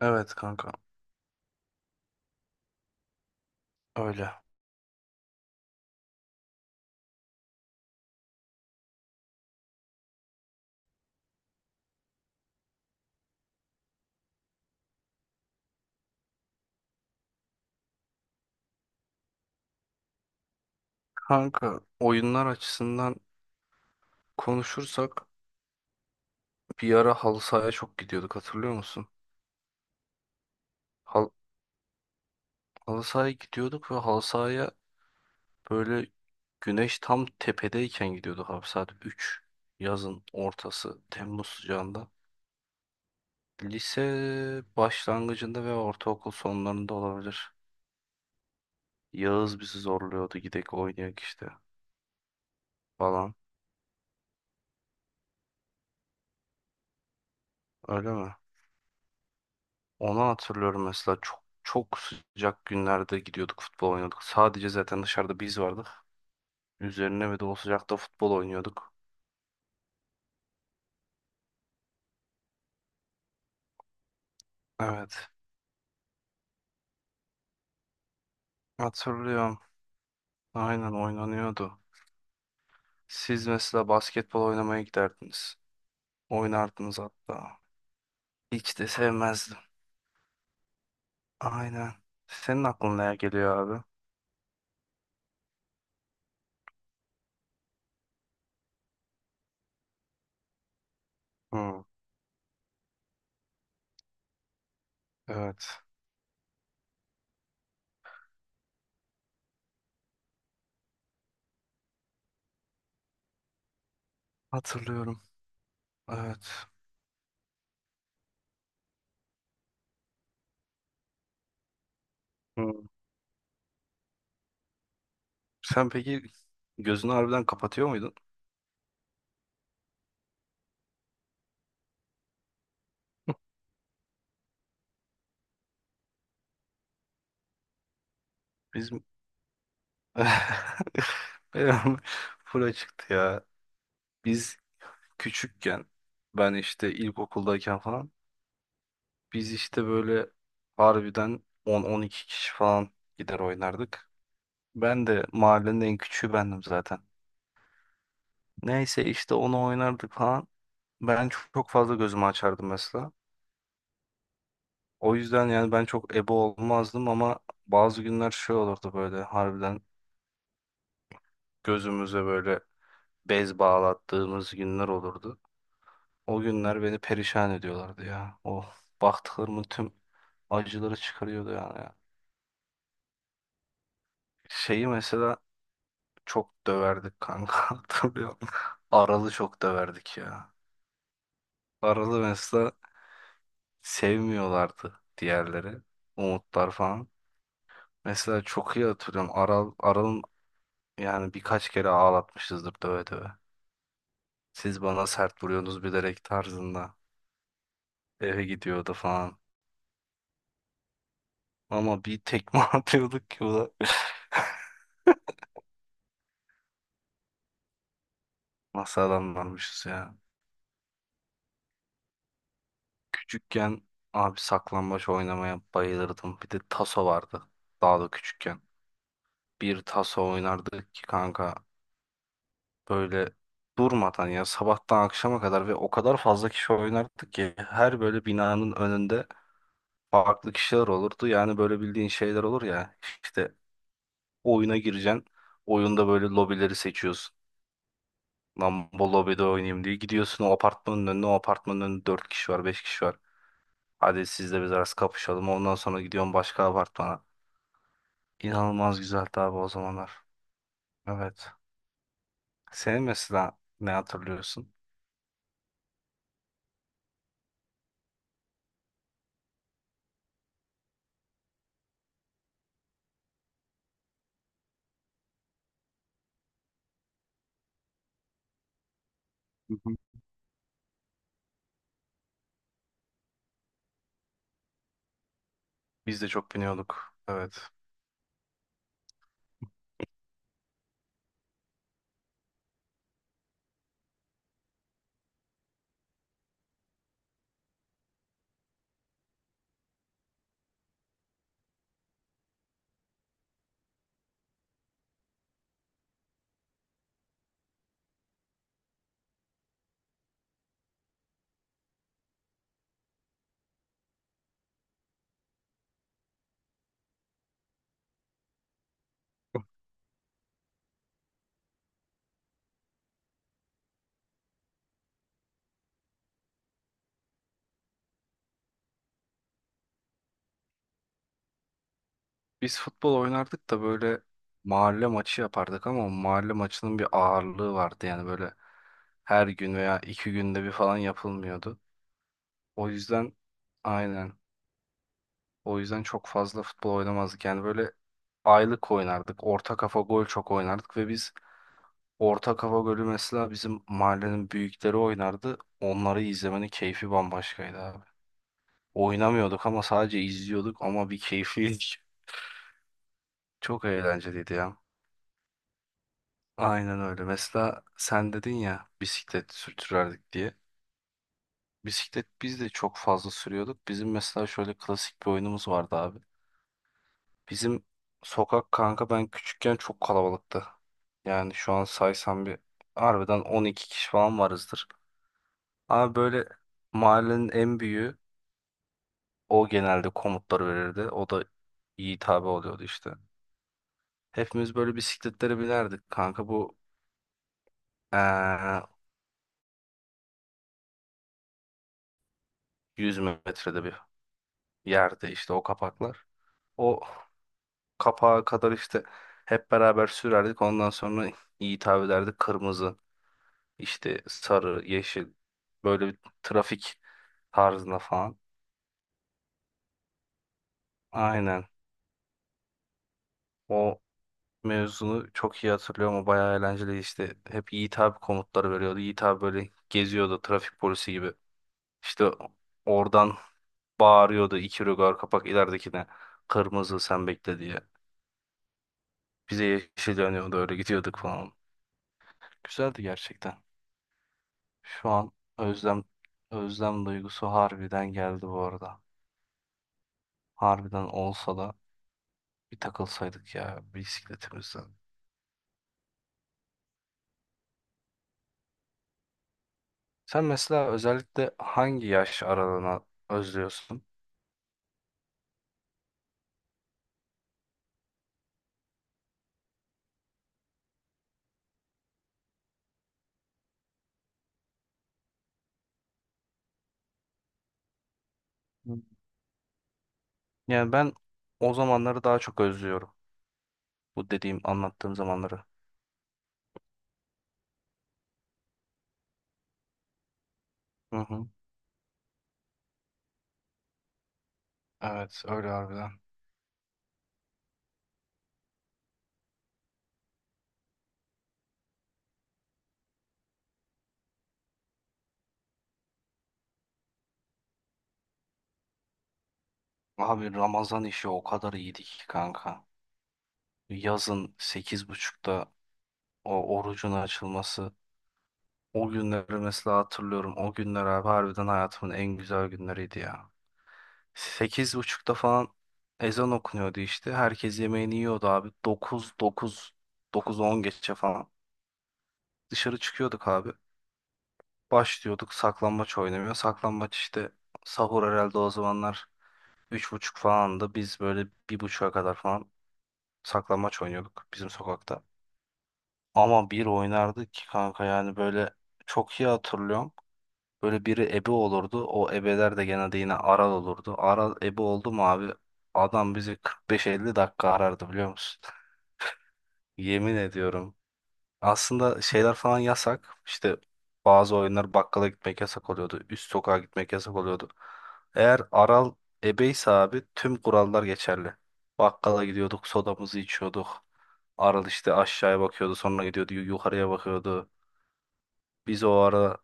Evet kanka, öyle. Kanka, oyunlar açısından konuşursak bir ara halı sahaya çok gidiyorduk, hatırlıyor musun? Hal halı sahaya gidiyorduk ve halı sahaya böyle güneş tam tepedeyken gidiyorduk abi, saat üç, yazın ortası, Temmuz sıcağında. Lise başlangıcında ve ortaokul sonlarında olabilir. Yağız bizi zorluyordu, gidek oynayak işte falan. Öyle mi? Onu hatırlıyorum mesela, çok çok sıcak günlerde gidiyorduk, futbol oynuyorduk. Sadece zaten dışarıda biz vardık. Üzerine ve de o sıcakta futbol oynuyorduk. Evet, hatırlıyorum. Aynen, oynanıyordu. Siz mesela basketbol oynamaya giderdiniz. Oynardınız hatta. Hiç de sevmezdim. Aynen. Senin aklına ne geliyor abi? Hı, evet. Hatırlıyorum. Evet. Hı. Sen peki gözünü harbiden kapatıyor muydun? Biz Benim full çıktı ya. Biz küçükken, ben işte ilkokuldayken falan, biz işte böyle harbiden on-on iki kişi falan gider oynardık. Ben de mahallenin en küçüğü bendim zaten. Neyse, işte onu oynardık falan. Ben çok, çok fazla gözümü açardım mesela. O yüzden yani ben çok ebe olmazdım ama bazı günler şey olurdu, böyle harbiden gözümüze böyle bez bağlattığımız günler olurdu. O günler beni perişan ediyorlardı ya. O baktıklarımın tüm acıları çıkarıyordu yani ya. Şeyi mesela çok döverdik kanka hatırlıyorum. Aralı çok döverdik ya. Aralı mesela sevmiyorlardı diğerleri. Umutlar falan. Mesela çok iyi hatırlıyorum. Aral'ın yani birkaç kere ağlatmışızdır döve döve. Siz bana sert vuruyorsunuz bilerek tarzında. Eve gidiyordu falan. Ama bir tekme atıyorduk ki o da nasıl adamlarmışız ya. Küçükken abi saklambaç oynamaya bayılırdım. Bir de taso vardı. Daha da küçükken. Bir taso oynardık ki kanka, böyle durmadan ya, sabahtan akşama kadar, ve o kadar fazla kişi oynardık ki her böyle binanın önünde farklı kişiler olurdu. Yani böyle bildiğin şeyler olur ya, işte oyuna gireceksin. Oyunda böyle lobileri seçiyorsun. Lan bu lobide oynayayım diye gidiyorsun o apartmanın önüne, o apartmanın önünde 4 kişi var, 5 kişi var. Hadi siz de biz arası kapışalım. Ondan sonra gidiyorum başka apartmana. İnanılmaz güzeldi abi o zamanlar. Evet. Senin mesela ne hatırlıyorsun? Hı hı. Biz de çok biniyorduk. Evet. Biz futbol oynardık da böyle mahalle maçı yapardık ama mahalle maçının bir ağırlığı vardı. Yani böyle her gün veya iki günde bir falan yapılmıyordu. O yüzden, aynen. O yüzden çok fazla futbol oynamazdık. Yani böyle aylık oynardık. Orta kafa gol çok oynardık ve biz Orta Kafa Gölü mesela bizim mahallenin büyükleri oynardı. Onları izlemenin keyfi bambaşkaydı abi. Oynamıyorduk ama sadece izliyorduk, ama bir keyifliydi. Çok eğlenceliydi ya. Aynen öyle. Mesela sen dedin ya bisiklet sürtürerdik diye. Bisiklet biz de çok fazla sürüyorduk. Bizim mesela şöyle klasik bir oyunumuz vardı abi. Bizim sokak kanka, ben küçükken çok kalabalıktı. Yani şu an saysam bir, harbiden 12 kişi falan varızdır. Abi böyle mahallenin en büyüğü, o genelde komutları verirdi. O da iyi tabi oluyordu işte. Hepimiz böyle bisikletlere binerdik kanka. Bu eee 100 metrede bir yerde işte o kapaklar. O kapağa kadar işte hep beraber sürerdik. Ondan sonra iyi tabi ederdik. Kırmızı, işte sarı, yeşil. Böyle bir trafik tarzında falan. Aynen. O mevzunu çok iyi hatırlıyorum. O bayağı eğlenceli işte. Hep iyi tabi komutları veriyordu. İyi tabi böyle geziyordu trafik polisi gibi. İşte oradan bağırıyordu, iki rögar kapak ileridekine kırmızı, sen bekle diye. Bize yeşil yanıyordu, öyle gidiyorduk falan. Güzeldi gerçekten. Şu an özlem özlem duygusu harbiden geldi bu arada. Harbiden olsa da bir takılsaydık ya bisikletimizden. Sen mesela özellikle hangi yaş aralığına özlüyorsun? Hı. Yani ben o zamanları daha çok özlüyorum. Bu dediğim, anlattığım zamanları. Hı hı. Evet, öyle harbiden. Abi Ramazan işi o kadar iyiydi ki kanka. Yazın sekiz buçukta o orucun açılması. O günleri mesela hatırlıyorum. O günler abi harbiden hayatımın en güzel günleriydi ya. 8:30'da falan ezan okunuyordu işte. Herkes yemeğini yiyordu abi. Dokuz on geçe falan. Dışarı çıkıyorduk abi. Başlıyorduk saklambaç oynamaya. Saklambaç işte, sahur herhalde o zamanlar 3:30 falandı. Biz böyle 1:30'a kadar falan saklambaç oynuyorduk bizim sokakta. Ama bir oynardık ki kanka, yani böyle çok iyi hatırlıyorum. Böyle biri ebe olurdu. O ebeler de genelde yine aral olurdu. Aral ebe oldu mu abi, adam bizi 45-50 dakika arardı, biliyor musun? Yemin ediyorum. Aslında şeyler falan yasak. İşte bazı oyunlar, bakkala gitmek yasak oluyordu. Üst sokağa gitmek yasak oluyordu. Eğer aral ebeyse abi tüm kurallar geçerli. Bakkala gidiyorduk, sodamızı içiyorduk. Aral işte aşağıya bakıyordu, sonra gidiyordu yukarıya bakıyordu. Biz o ara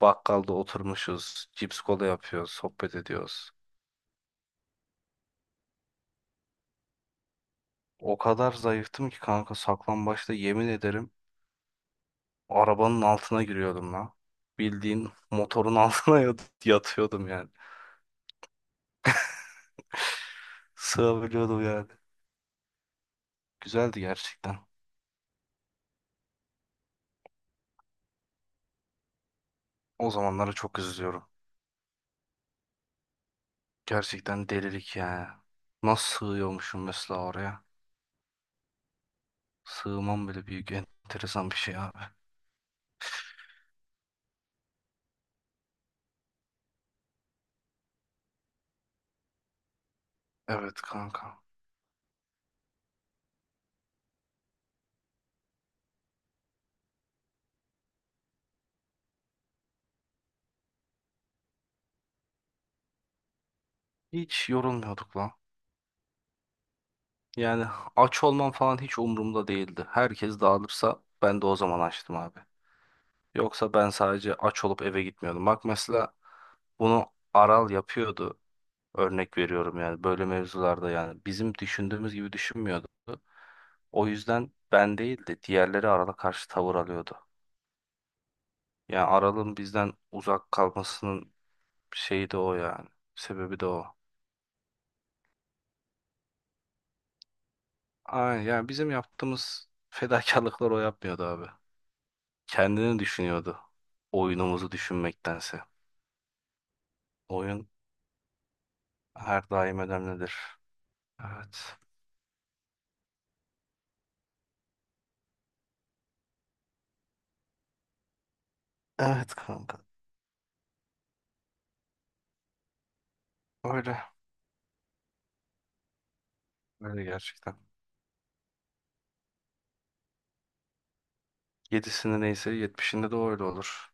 bakkalda oturmuşuz. Cips kola yapıyoruz. Sohbet ediyoruz. O kadar zayıftım ki kanka, saklambaçta yemin ederim arabanın altına giriyordum lan. Bildiğin motorun altına yatıyordum yani. Sığabiliyordum yani. Güzeldi gerçekten. O zamanlara çok üzülüyorum. Gerçekten delilik yani. Nasıl sığıyormuşum mesela oraya? Sığmam bile büyük enteresan bir şey abi. Evet kanka. Hiç yorulmuyorduk lan. Yani aç olmam falan hiç umurumda değildi. Herkes dağılırsa ben de o zaman açtım abi. Yoksa ben sadece aç olup eve gitmiyordum. Bak mesela bunu Aral yapıyordu. Örnek veriyorum yani, böyle mevzularda yani bizim düşündüğümüz gibi düşünmüyordu. O yüzden ben değil de diğerleri Aral'a karşı tavır alıyordu. Yani Aral'ın bizden uzak kalmasının şeyi de o yani. Sebebi de o. Aynen, yani bizim yaptığımız fedakarlıklar o yapmıyordu abi. Kendini düşünüyordu. Oyunumuzu düşünmektense. Oyun her daim önemlidir. Evet. Evet kanka. Öyle. Öyle gerçekten. Yedisinde neyse yetmişinde de öyle olur.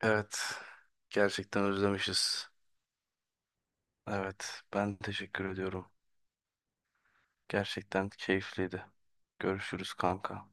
Evet. Gerçekten özlemişiz. Evet. Ben teşekkür ediyorum. Gerçekten keyifliydi. Görüşürüz kanka.